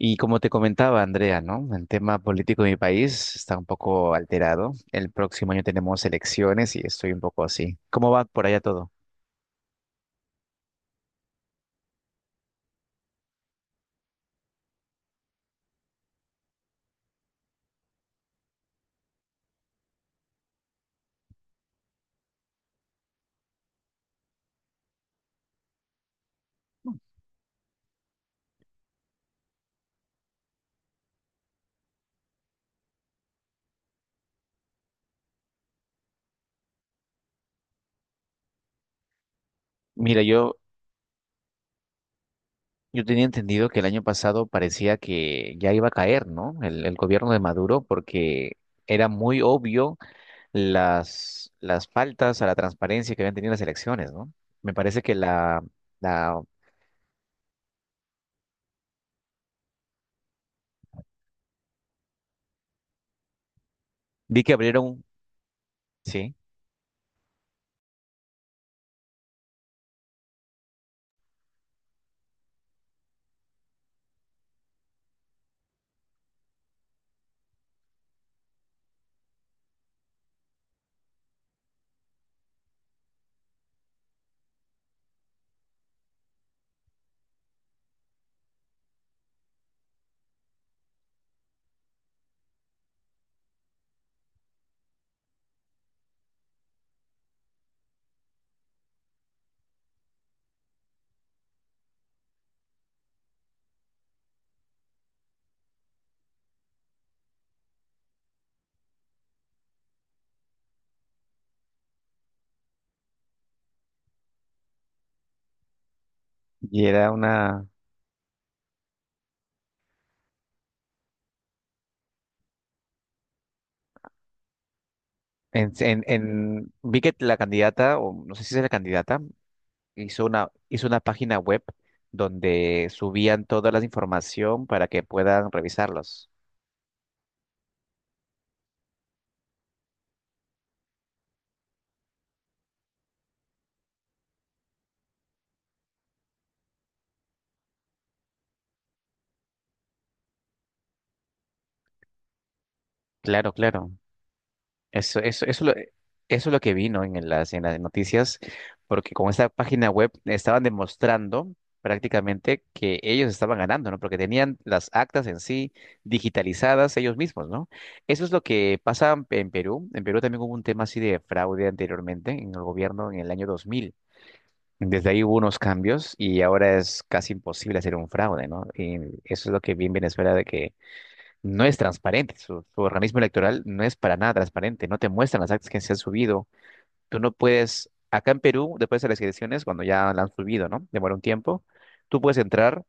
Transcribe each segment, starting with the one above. Y como te comentaba, Andrea, ¿no? El tema político de mi país está un poco alterado. El próximo año tenemos elecciones y estoy un poco así. ¿Cómo va por allá todo? Mira, yo tenía entendido que el año pasado parecía que ya iba a caer, ¿no? El gobierno de Maduro, porque era muy obvio las faltas a la transparencia que habían tenido las elecciones, ¿no? Me parece que la, vi que abrieron, sí, y era una. Vi que la candidata, o no sé si es la candidata, hizo una página web donde subían toda la información para que puedan revisarlos. Claro, claro. Eso es lo que vino en las noticias, porque con esta página web estaban demostrando prácticamente que ellos estaban ganando, ¿no? Porque tenían las actas en sí digitalizadas ellos mismos, ¿no? Eso es lo que pasa en Perú. En Perú también hubo un tema así de fraude anteriormente en el gobierno en el año 2000. Desde ahí hubo unos cambios y ahora es casi imposible hacer un fraude, ¿no? Y eso es lo que vi en Venezuela, de que no es transparente, su organismo electoral no es para nada transparente, no te muestran las actas que se han subido. Tú no puedes, acá en Perú, después de las elecciones, cuando ya la han subido, ¿no? Demora un tiempo, tú puedes entrar,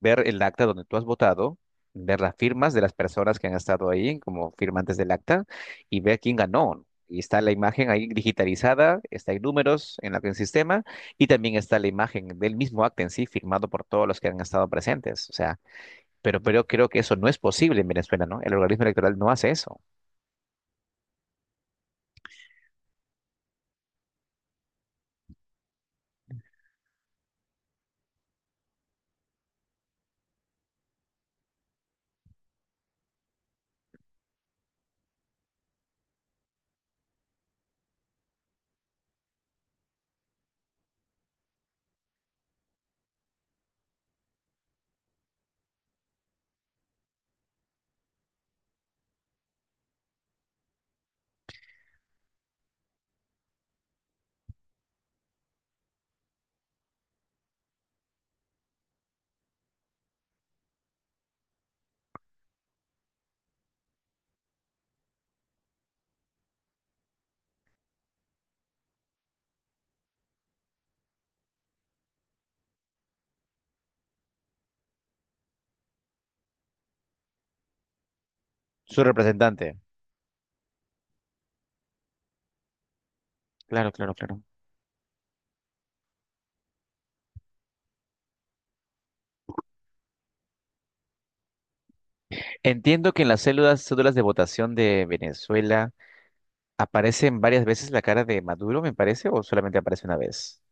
ver el acta donde tú has votado, ver las firmas de las personas que han estado ahí como firmantes del acta y ver quién ganó, ¿no? Y está la imagen ahí digitalizada, está, hay números en el sistema y también está la imagen del mismo acta en sí firmado por todos los que han estado presentes. O sea, pero creo que eso no es posible en Venezuela, ¿no? El organismo electoral no hace eso. Su representante. Claro, claro, claro. Entiendo que en las células, cédulas de votación de Venezuela aparecen varias veces la cara de Maduro, me parece, o solamente aparece una vez.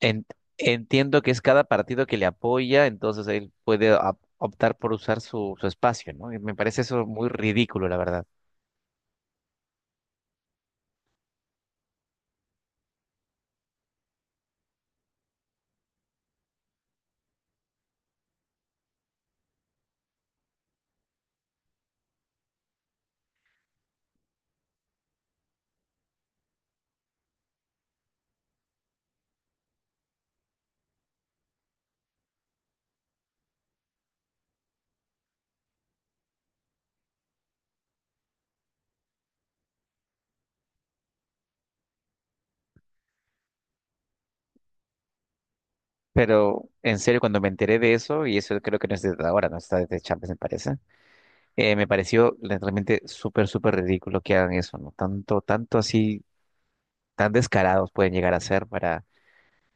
En- entiendo que es cada partido que le apoya, entonces él puede optar por usar su espacio, ¿no? Y me parece eso muy ridículo, la verdad. Pero en serio, cuando me enteré de eso, y eso creo que no es desde ahora, no está desde Chávez, me parece, eh, me pareció realmente súper, súper ridículo que hagan eso, ¿no? Tanto, tanto así, tan descarados pueden llegar a ser para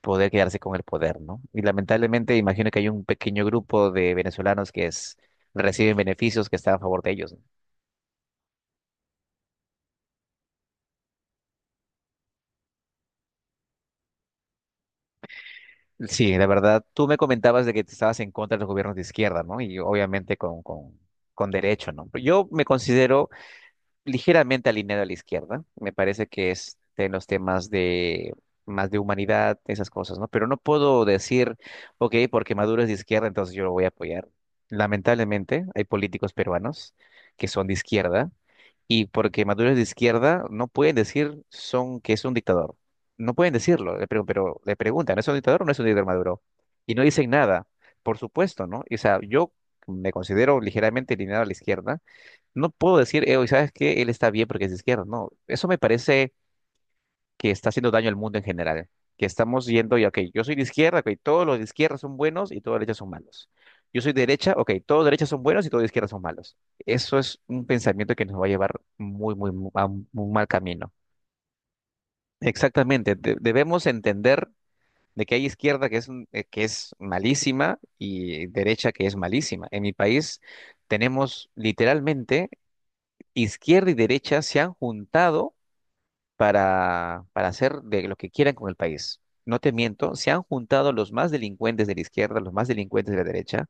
poder quedarse con el poder, ¿no? Y lamentablemente imagino que hay un pequeño grupo de venezolanos que reciben beneficios, que están a favor de ellos, ¿no? Sí, la verdad, tú me comentabas de que te estabas en contra de los gobiernos de izquierda, ¿no? Y obviamente con, con derecho, ¿no? Yo me considero ligeramente alineado a la izquierda. Me parece que es en los temas de más de humanidad, esas cosas, ¿no? Pero no puedo decir, ok, porque Maduro es de izquierda, entonces yo lo voy a apoyar. Lamentablemente, hay políticos peruanos que son de izquierda y, porque Maduro es de izquierda, no pueden decir son que es un dictador. No pueden decirlo, pero le preguntan, ¿es un dictador o no es un dictador Maduro? Y no dicen nada, por supuesto, ¿no? O sea, yo me considero ligeramente alineado a la izquierda, no puedo decir, ¿sabes qué? Él está bien porque es de izquierda. No, eso me parece que está haciendo daño al mundo en general. Que estamos yendo y, ok, yo soy de izquierda, ok, todos los de izquierda son buenos y todos los de derecha son malos. Yo soy de derecha, ok, todos de derecha son buenos y todos de izquierda son malos. Eso es un pensamiento que nos va a llevar muy, muy, a un mal camino. Exactamente, debemos entender de que hay izquierda que es, que es malísima, y derecha que es malísima. En mi país tenemos literalmente izquierda y derecha se han juntado para, hacer de lo que quieran con el país. No te miento, se han juntado los más delincuentes de la izquierda, los más delincuentes de la derecha,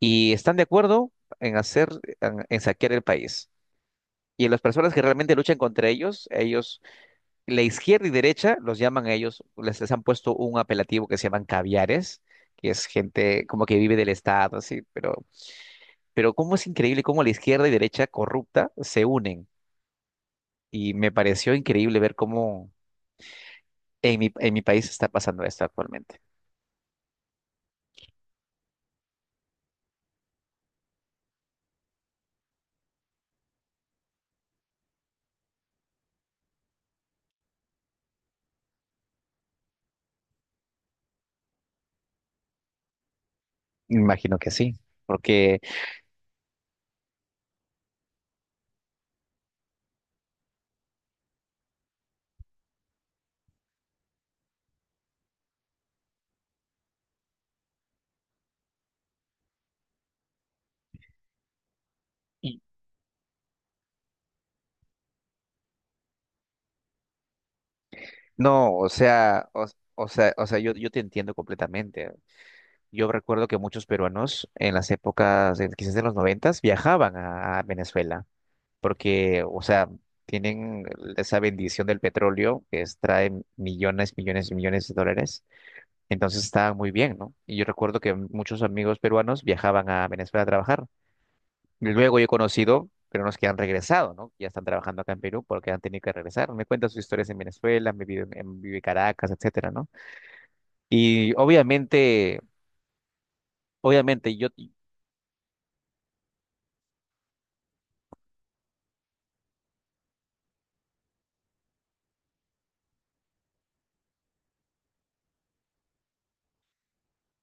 y están de acuerdo en hacer, en saquear el país. Y las personas que realmente luchan contra ellos, la izquierda y derecha, los llaman a ellos, les han puesto un apelativo, que se llaman caviares, que es gente como que vive del Estado, así, pero cómo es increíble cómo la izquierda y derecha corrupta se unen, y me pareció increíble ver cómo en mi en mi país está pasando esto actualmente. Me imagino que sí, porque... Y no, o sea, o sea, yo te entiendo completamente. Yo recuerdo que muchos peruanos en las épocas, quizás de los 90, viajaban a Venezuela, porque, o sea, tienen esa bendición del petróleo que extrae millones, millones y millones de dólares. Entonces estaban muy bien, ¿no? Y yo recuerdo que muchos amigos peruanos viajaban a Venezuela a trabajar. Luego yo he conocido peruanos que han regresado, ¿no? Ya están trabajando acá en Perú porque han tenido que regresar. Me cuentan sus historias en Venezuela, me vive en, vive Caracas, etcétera, ¿no? Y obviamente, obviamente yo,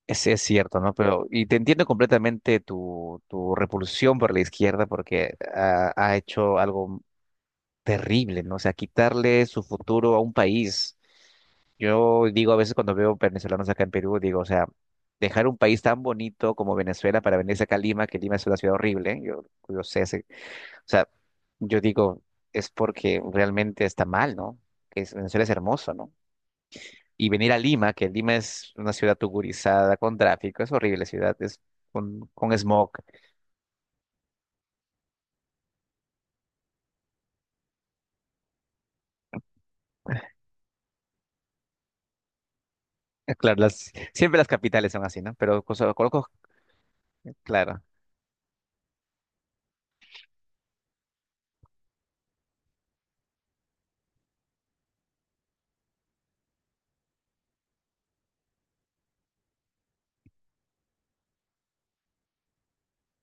es cierto, ¿no? Pero, y te entiendo completamente tu repulsión por la izquierda porque ha hecho algo terrible, ¿no? O sea, quitarle su futuro a un país. Yo digo a veces cuando veo venezolanos acá en Perú, digo, o sea, dejar un país tan bonito como Venezuela para venirse acá a Lima, que Lima es una ciudad horrible, yo sé, o sea, yo digo, es porque realmente está mal, ¿no? Que Venezuela es hermoso, ¿no? Y venir a Lima, que Lima es una ciudad tugurizada, con tráfico, es horrible ciudad, es con, smog. Claro, las, siempre las capitales son así, ¿no? Pero conozco, claro.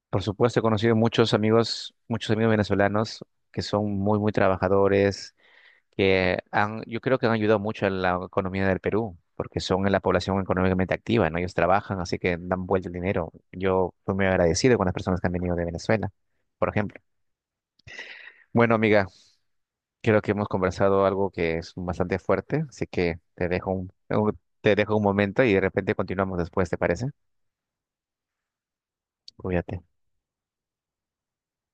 Por supuesto, he conocido muchos amigos venezolanos que son muy, muy trabajadores, que han, yo creo que han ayudado mucho a la economía del Perú, porque son la población económicamente activa, ¿no? Ellos trabajan, así que dan vuelta el dinero. Yo estoy muy agradecido con las personas que han venido de Venezuela, por ejemplo. Bueno, amiga, creo que hemos conversado algo que es bastante fuerte, así que te dejo un, te dejo un momento y de repente continuamos después, ¿te parece? Cuídate.